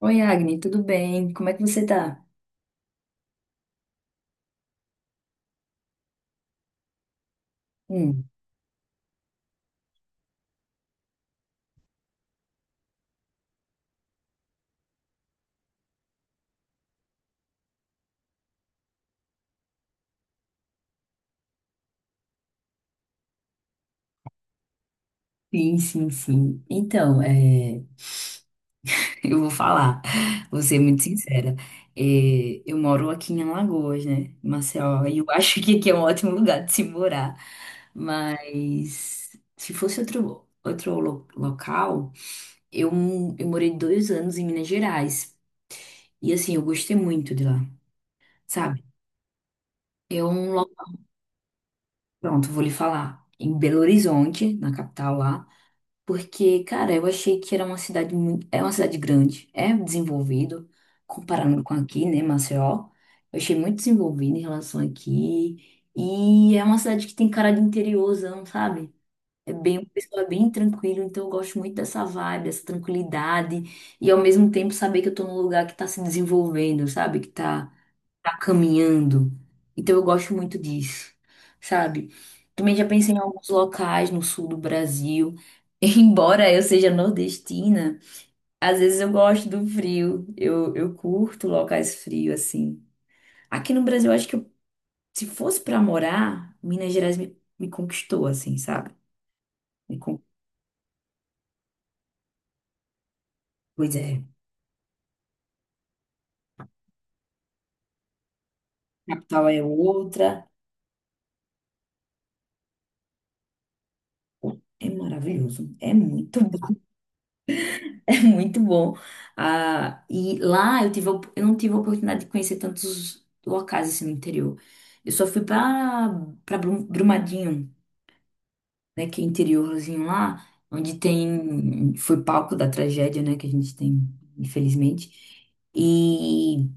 Oi, Agni, tudo bem? Como é que você tá? Hum, sim, sim, sim. Então, eu vou falar, vou ser muito sincera. Eu moro aqui em Alagoas, né, Maceió, e eu acho que aqui é um ótimo lugar de se morar. Mas se fosse outro local, eu, eu morei 2 anos em Minas Gerais. E assim, eu gostei muito de lá, sabe? É um local. Pronto, vou lhe falar. Em Belo Horizonte, na capital lá. Porque, cara, eu achei que era uma cidade muito. É uma cidade grande, é desenvolvido, comparando com aqui, né, Maceió. Eu achei muito desenvolvido em relação aqui. E é uma cidade que tem cara de interiorzão, sabe? O pessoal é bem tranquilo, então eu gosto muito dessa vibe, dessa tranquilidade. E ao mesmo tempo saber que eu tô num lugar que tá se desenvolvendo, sabe? Que tá caminhando. Então eu gosto muito disso, sabe? Também já pensei em alguns locais no sul do Brasil. Embora eu seja nordestina, às vezes eu gosto do frio. Eu curto locais frios, assim. Aqui no Brasil, eu acho que se fosse pra morar, Minas Gerais me conquistou, assim, sabe? Me con- Pois é, capital é outra. É maravilhoso. É muito bom. É muito bom. Ah, e lá eu não tive a oportunidade de conhecer tantos locais assim no interior. Eu só fui para Brumadinho, né, que é interiorzinho lá, onde tem foi palco da tragédia, né, que a gente tem, infelizmente. E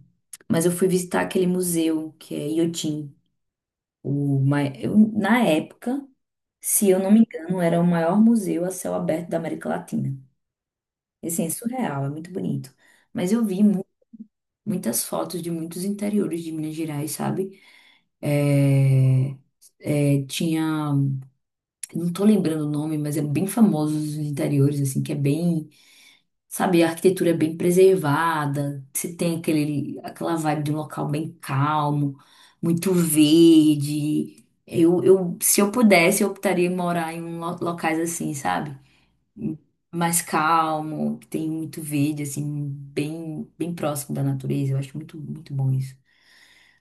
mas eu fui visitar aquele museu que é Iotim, na época, se eu não me engano, era o maior museu a céu aberto da América Latina. E, assim, é surreal, é muito bonito. Mas eu vi muitas fotos de muitos interiores de Minas Gerais, sabe? É, tinha, não tô lembrando o nome, mas é bem famoso os interiores, assim, que é bem, sabe, a arquitetura é bem preservada, você tem aquela vibe de um local bem calmo, muito verde. Se eu pudesse, eu optaria em morar locais assim, sabe? Mais calmo, que tem muito verde, assim, bem, bem próximo da natureza. Eu acho muito, muito bom isso.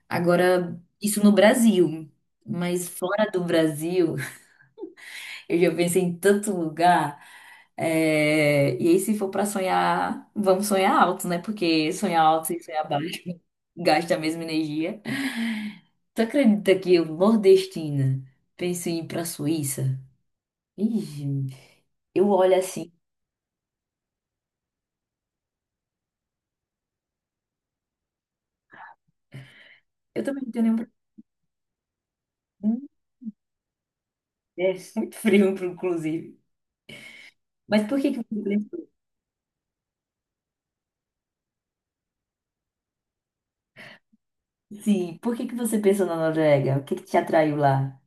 Agora, isso no Brasil, mas fora do Brasil, eu já pensei em tanto lugar. E aí, se for para sonhar, vamos sonhar alto, né? Porque sonhar alto e sonhar baixo gasta a mesma energia. Tu acredita que eu, nordestina, pensei em ir pra Suíça? Ih, gente, eu olho assim. Eu também não tenho nenhum. Hum, É muito frio, inclusive. Mas por que que você pensou? Sim, por que que você pensou na Noruega? O que que te atraiu lá?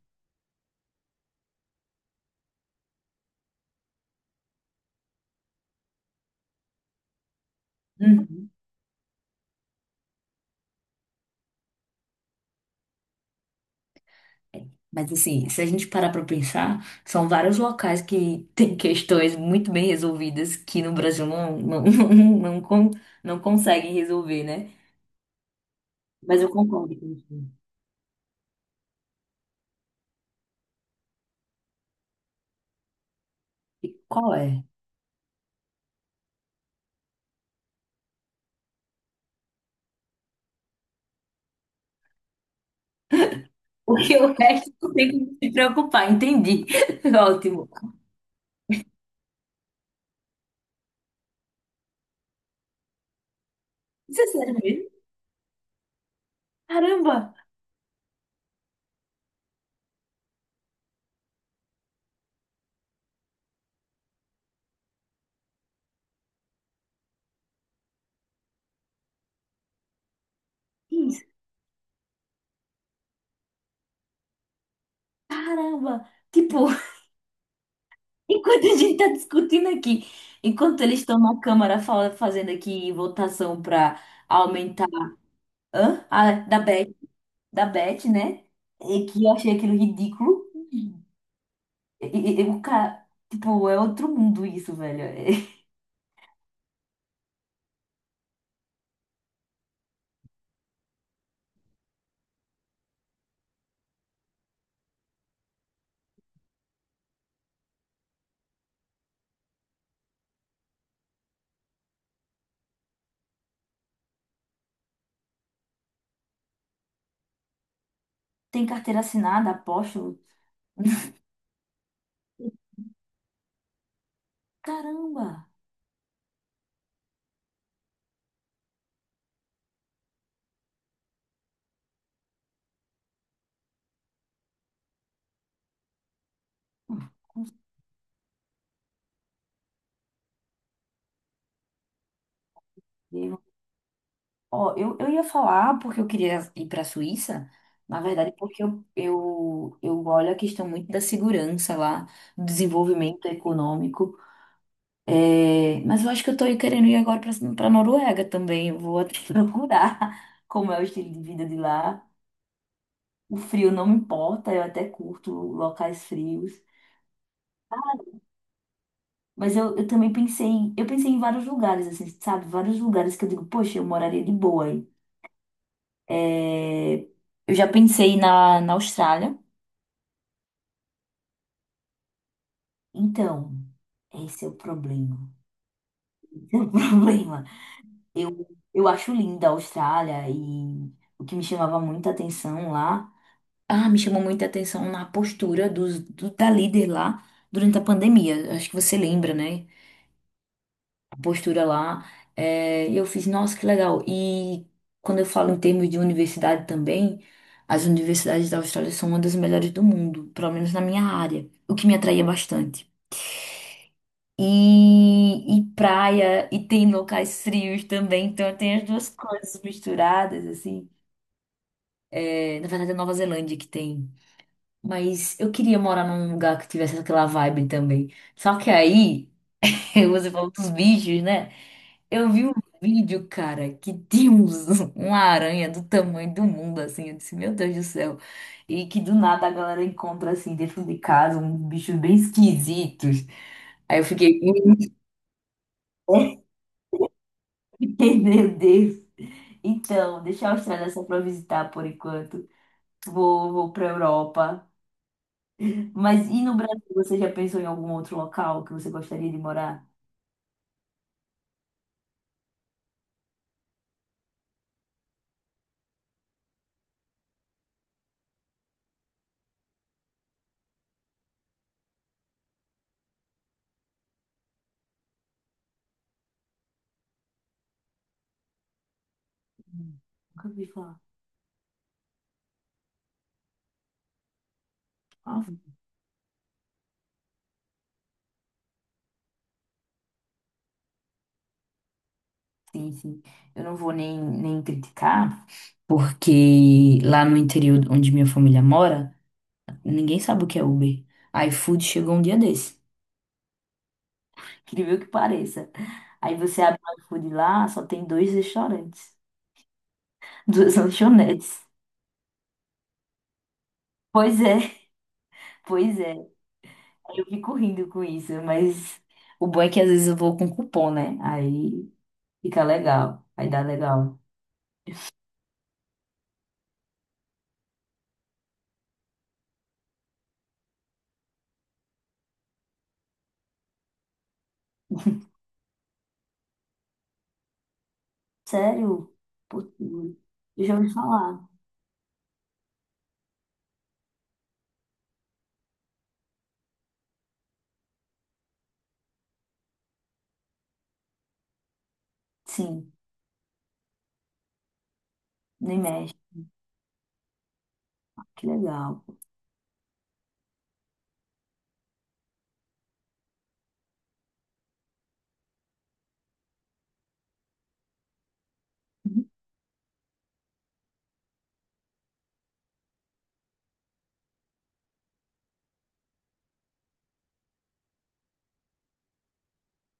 Uhum. Mas assim, se a gente parar pra pensar, são vários locais que têm questões muito bem resolvidas que no Brasil não conseguem resolver, né? Mas eu concordo com você. E qual é? Porque o resto não tem que se preocupar, entendi. Ótimo. Isso é sério mesmo? Caramba! Isso, caramba! Tipo, enquanto a gente tá discutindo aqui, enquanto eles estão na Câmara fazendo aqui votação pra aumentar. Hã? Ah, da BR. Da Beth, né? E que eu achei aquilo ridículo. E o cara, tipo, é outro mundo isso, velho. Tem carteira assinada, aposto. Caramba! Eu- Ó, eu ia falar porque eu queria ir para a Suíça, na verdade, porque eu olho a questão muito da segurança lá, do desenvolvimento econômico. Mas eu acho que eu tô querendo ir agora para a Noruega também. Eu vou até procurar como é o estilo de vida de lá. O frio não me importa, eu até curto locais frios. Mas eu também pensei em vários lugares, assim, sabe? Vários lugares que eu digo, poxa, eu moraria de boa aí. É, eu já pensei na Austrália. Então, esse é o problema. Esse é o problema. Eu acho linda a Austrália e o que me chamava muita atenção lá. Ah, me chamou muita atenção na postura da líder lá durante a pandemia. Acho que você lembra, né? Postura lá. E eu fiz, nossa, que legal. E quando eu falo em termos de universidade também, as universidades da Austrália são uma das melhores do mundo, pelo menos na minha área, o que me atraía bastante. E praia, e tem locais frios também, então tem as duas coisas misturadas, assim. Na verdade, é Nova Zelândia que tem. Mas eu queria morar num lugar que tivesse aquela vibe também. Só que aí, você falou dos bichos, né? Eu vi um vídeo, cara, que tinha uma aranha do tamanho do mundo, assim. Eu disse, meu Deus do céu. E que do nada a galera encontra, assim, dentro de casa, uns bichos bem esquisitos. Aí eu fiquei, meu Deus. Então, deixa a Austrália só pra visitar por enquanto. Vou pra Europa. Mas e no Brasil, você já pensou em algum outro local que você gostaria de morar? Hum, Nunca ouvi falar. Sim, sim. Eu não vou nem criticar, porque lá no interior onde minha família mora, ninguém sabe o que é Uber. A iFood chegou um dia desse. Incrível que pareça. Aí você abre o iFood lá, só tem dois restaurantes, duas lanchonetes. Pois é, pois é. Eu fico rindo com isso, mas o bom é que às vezes eu vou com cupom, né? Aí fica legal, aí dá legal. Sério? Pô, eu já ouvi falar. Sim, no IME. Que legal. Uhum.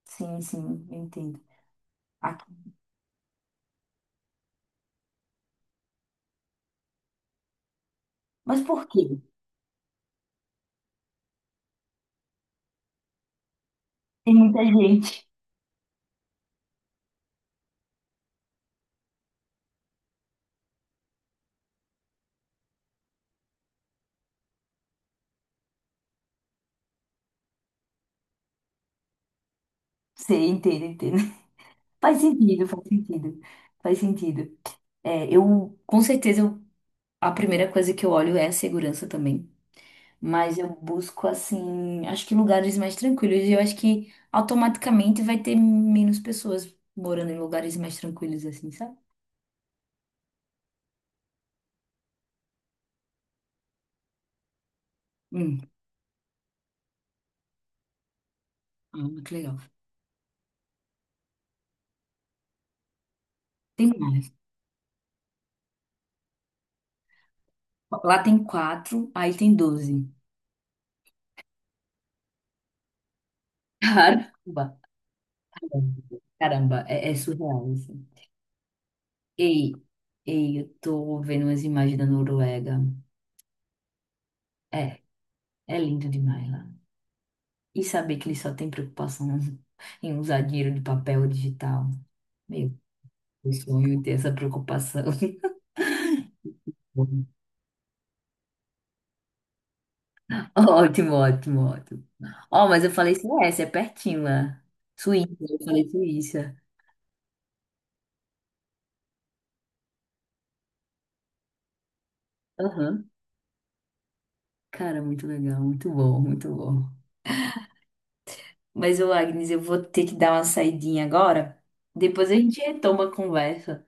Sim, sim, eu entendo. Aqui. Mas por quê? Tem muita gente. Sei, entendo, entendo. Faz sentido, faz sentido. Faz sentido. Eu, com certeza, a primeira coisa que eu olho é a segurança também. Mas eu busco, assim, acho que lugares mais tranquilos. E eu acho que automaticamente vai ter menos pessoas morando em lugares mais tranquilos, assim, sabe? Hum, ah, que legal. Tem mais. Lá tem quatro, aí tem 12. Cara. Caramba, é surreal isso. Ei, ei, eu tô vendo umas imagens da Noruega. É, é lindo demais lá. E saber que eles só têm preocupação em usar dinheiro de papel digital. Meu, eu sonho ter essa preocupação. Ótimo, ótimo, ótimo. Ó, mas eu falei Suécia, é pertinho lá. Suíça, eu falei Suíça. Aham. Cara, muito legal, muito bom, muito bom. Mas, ô Agnes, eu vou ter que dar uma saidinha agora. Depois a gente retoma a conversa.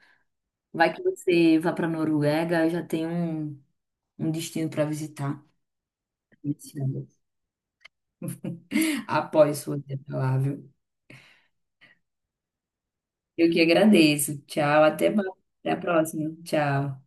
Vai que você vá para Noruega, eu já tenho um destino para visitar. Esse ano. Após sua ida. Eu que agradeço. Tchau, até mais. Até a próxima. Tchau.